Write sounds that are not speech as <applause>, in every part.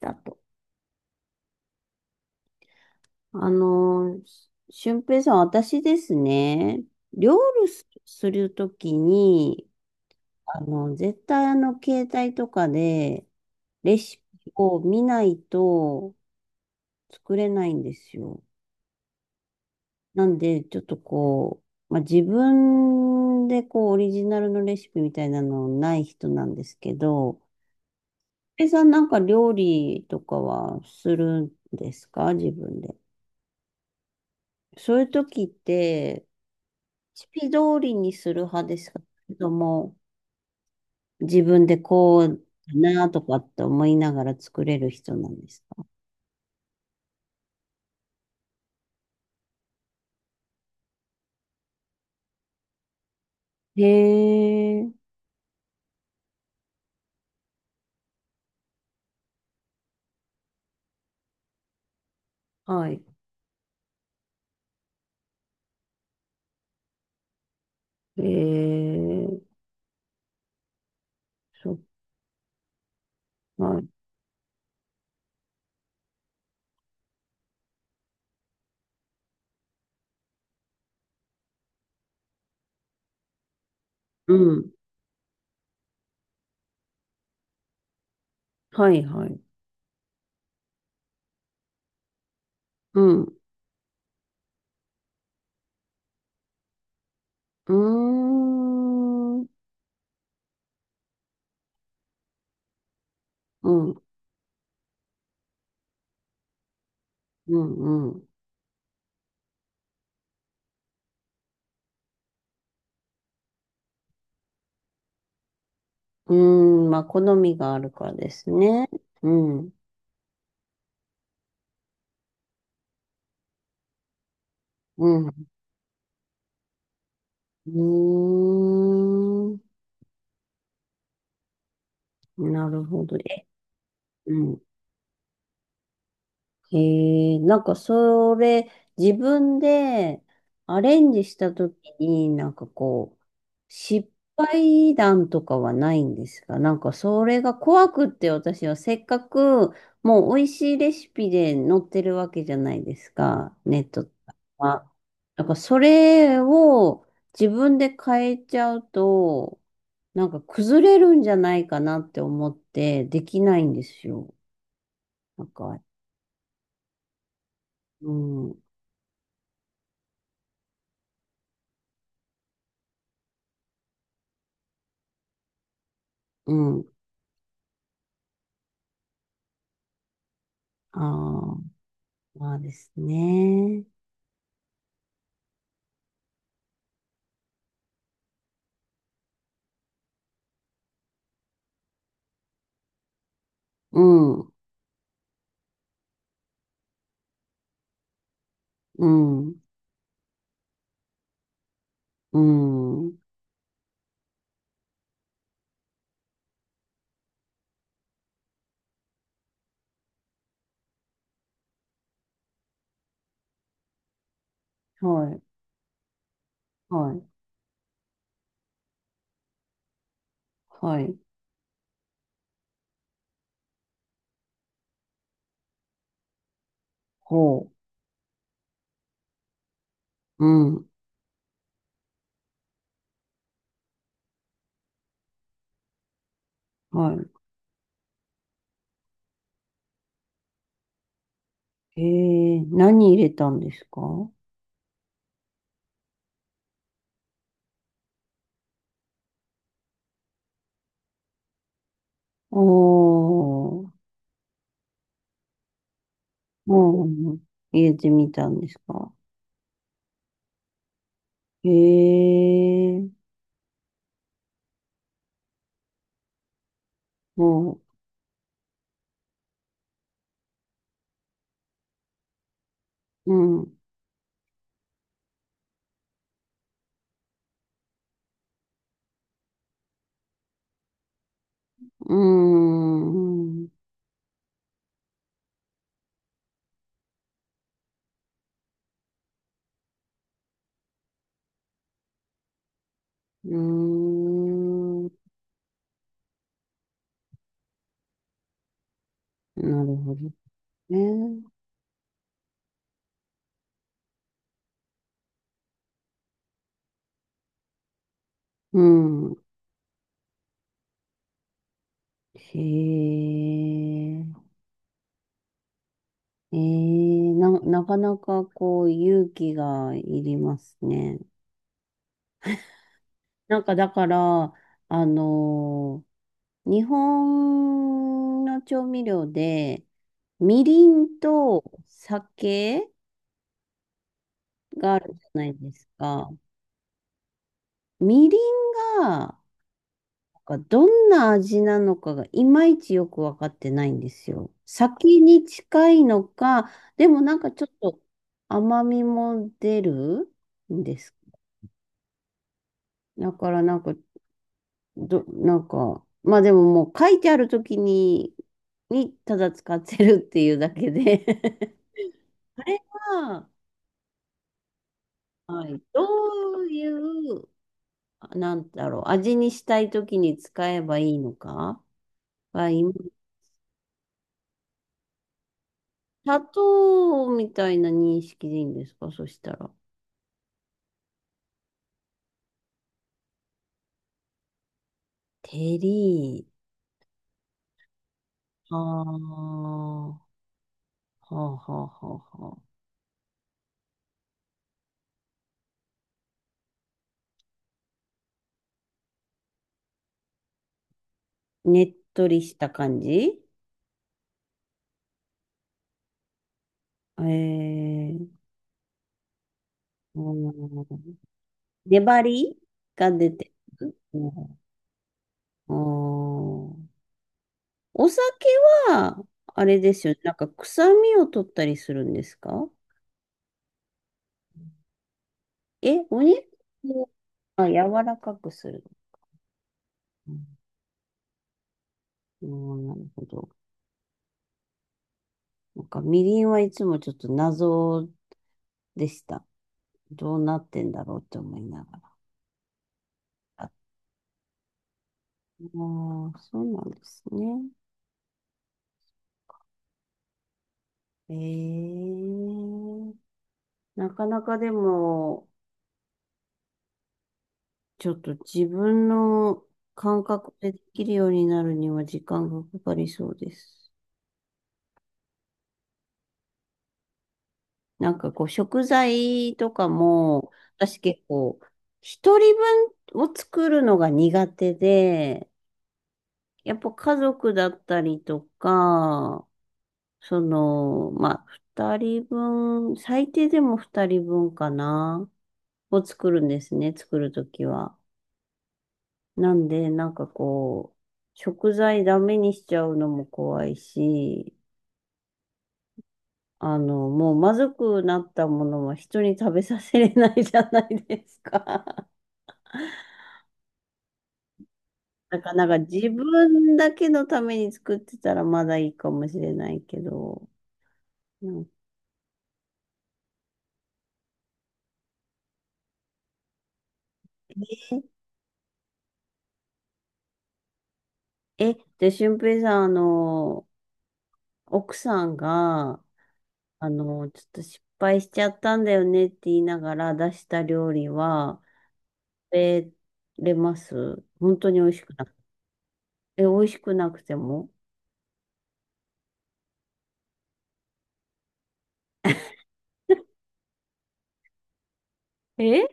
だと。あの、俊平さん、私ですね、料理するときに、絶対携帯とかで、レシピを見ないと作れないんですよ。なんで、ちょっとこう、まあ、自分でこう、オリジナルのレシピみたいなのない人なんですけど、俊平さんなんか料理とかはするんですか、自分で？そういう時って、レシピ通りにする派ですか、けども、自分でこうだなとかって思いながら作れる人なんですか？へえ、はい。へえ、そっか。うん。はい、はい。うん。うーん。うん、うん、うん。うーん、まあ、好みがあるからですね。うん、うん。うーん。なるほど。え、うん。へえ、なんかそれ、自分でアレンジしたときに、なんかこう、失敗談とかはないんですか？なんかそれが怖くって私はせっかく、もう美味しいレシピで載ってるわけじゃないですか、ネットとかは。なんかそれを自分で変えちゃうと、なんか崩れるんじゃないかなって思ってできないんですよ。なんか、うん。うん。ああ、まあですね。うん、うん、うん。はい、はい、はい。ほう。うん、はい。ええ、何入れたんですか？おー、うん、入れてみたんですか？へえ、ほう、うん、うーん、うーん、なるほどね。うん、へえ。なかなかこう勇気がいりますね。なんかだから、あのー日本の調味料で、みりんと酒があるじゃないですか。みりんが、なんかどんな味なのかがいまいちよくわかってないんですよ。酒に近いのか、でもなんかちょっと甘みも出るんです。だからなんかど、なんか、まあでももう書いてある時にただ使ってるっていうだけで <laughs> あれは、はい、どういう、あなんだろう、味にしたい時に使えばいいのかが今、砂糖みたいな認識でいいんですか、そしたら？テリー。はあ、はあ、はあ、はあ。はあ、ねっとりした感じ？ええー、うん、粘りが出てる。うん、あー、お酒は、あれですよね。なんか臭みを取ったりするんですか？え、お肉を、あ、柔らかくする。うん、うん、なるほど。なんかみりんはいつもちょっと謎でした。どうなってんだろうって思いながら。ああ、そうなんですね。ええ、なかなかでも、ちょっと自分の感覚でできるようになるには時間がかかりそうです。なんかこう食材とかも、私結構一人分を作るのが苦手で、やっぱ家族だったりとか、その、まあ、二人分、最低でも二人分かな、を作るんですね、作るときは。なんで、なんかこう、食材ダメにしちゃうのも怖いし、もうまずくなったものは人に食べさせれないじゃないですか。<laughs> だからなんか自分だけのために作ってたらまだいいかもしれないけど、なんかで、俊平さん、奥さんが、ちょっと失敗しちゃったんだよねって言いながら出した料理は、食べれます？本当に美味しくなかった？え、美味しくなくてもえ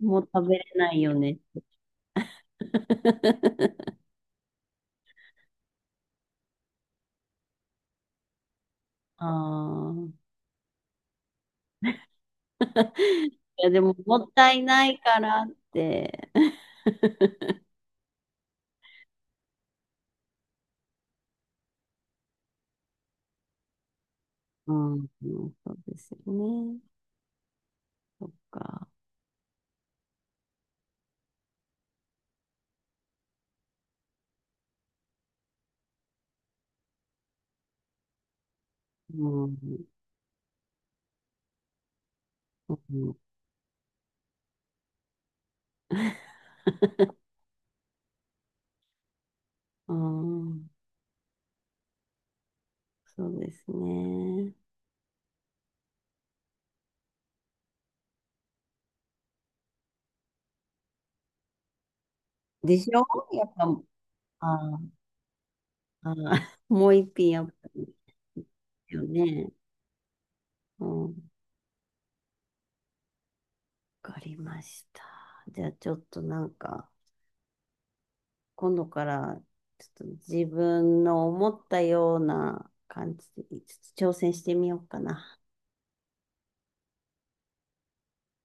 もう食べれないよね。<laughs> ああ。<laughs> いや、でも、もったいないからって。<laughs> うん、うん、そうですよね。そっか。うん、うん、うん、そうですね。でしょ？やっぱ、ああ、ああ、<laughs> もう一品やっぱりよね。うん、わかりました。じゃあ、ちょっとなんか、今度から、ちょっと自分の思ったような感じで、ちょっと挑戦してみようかな。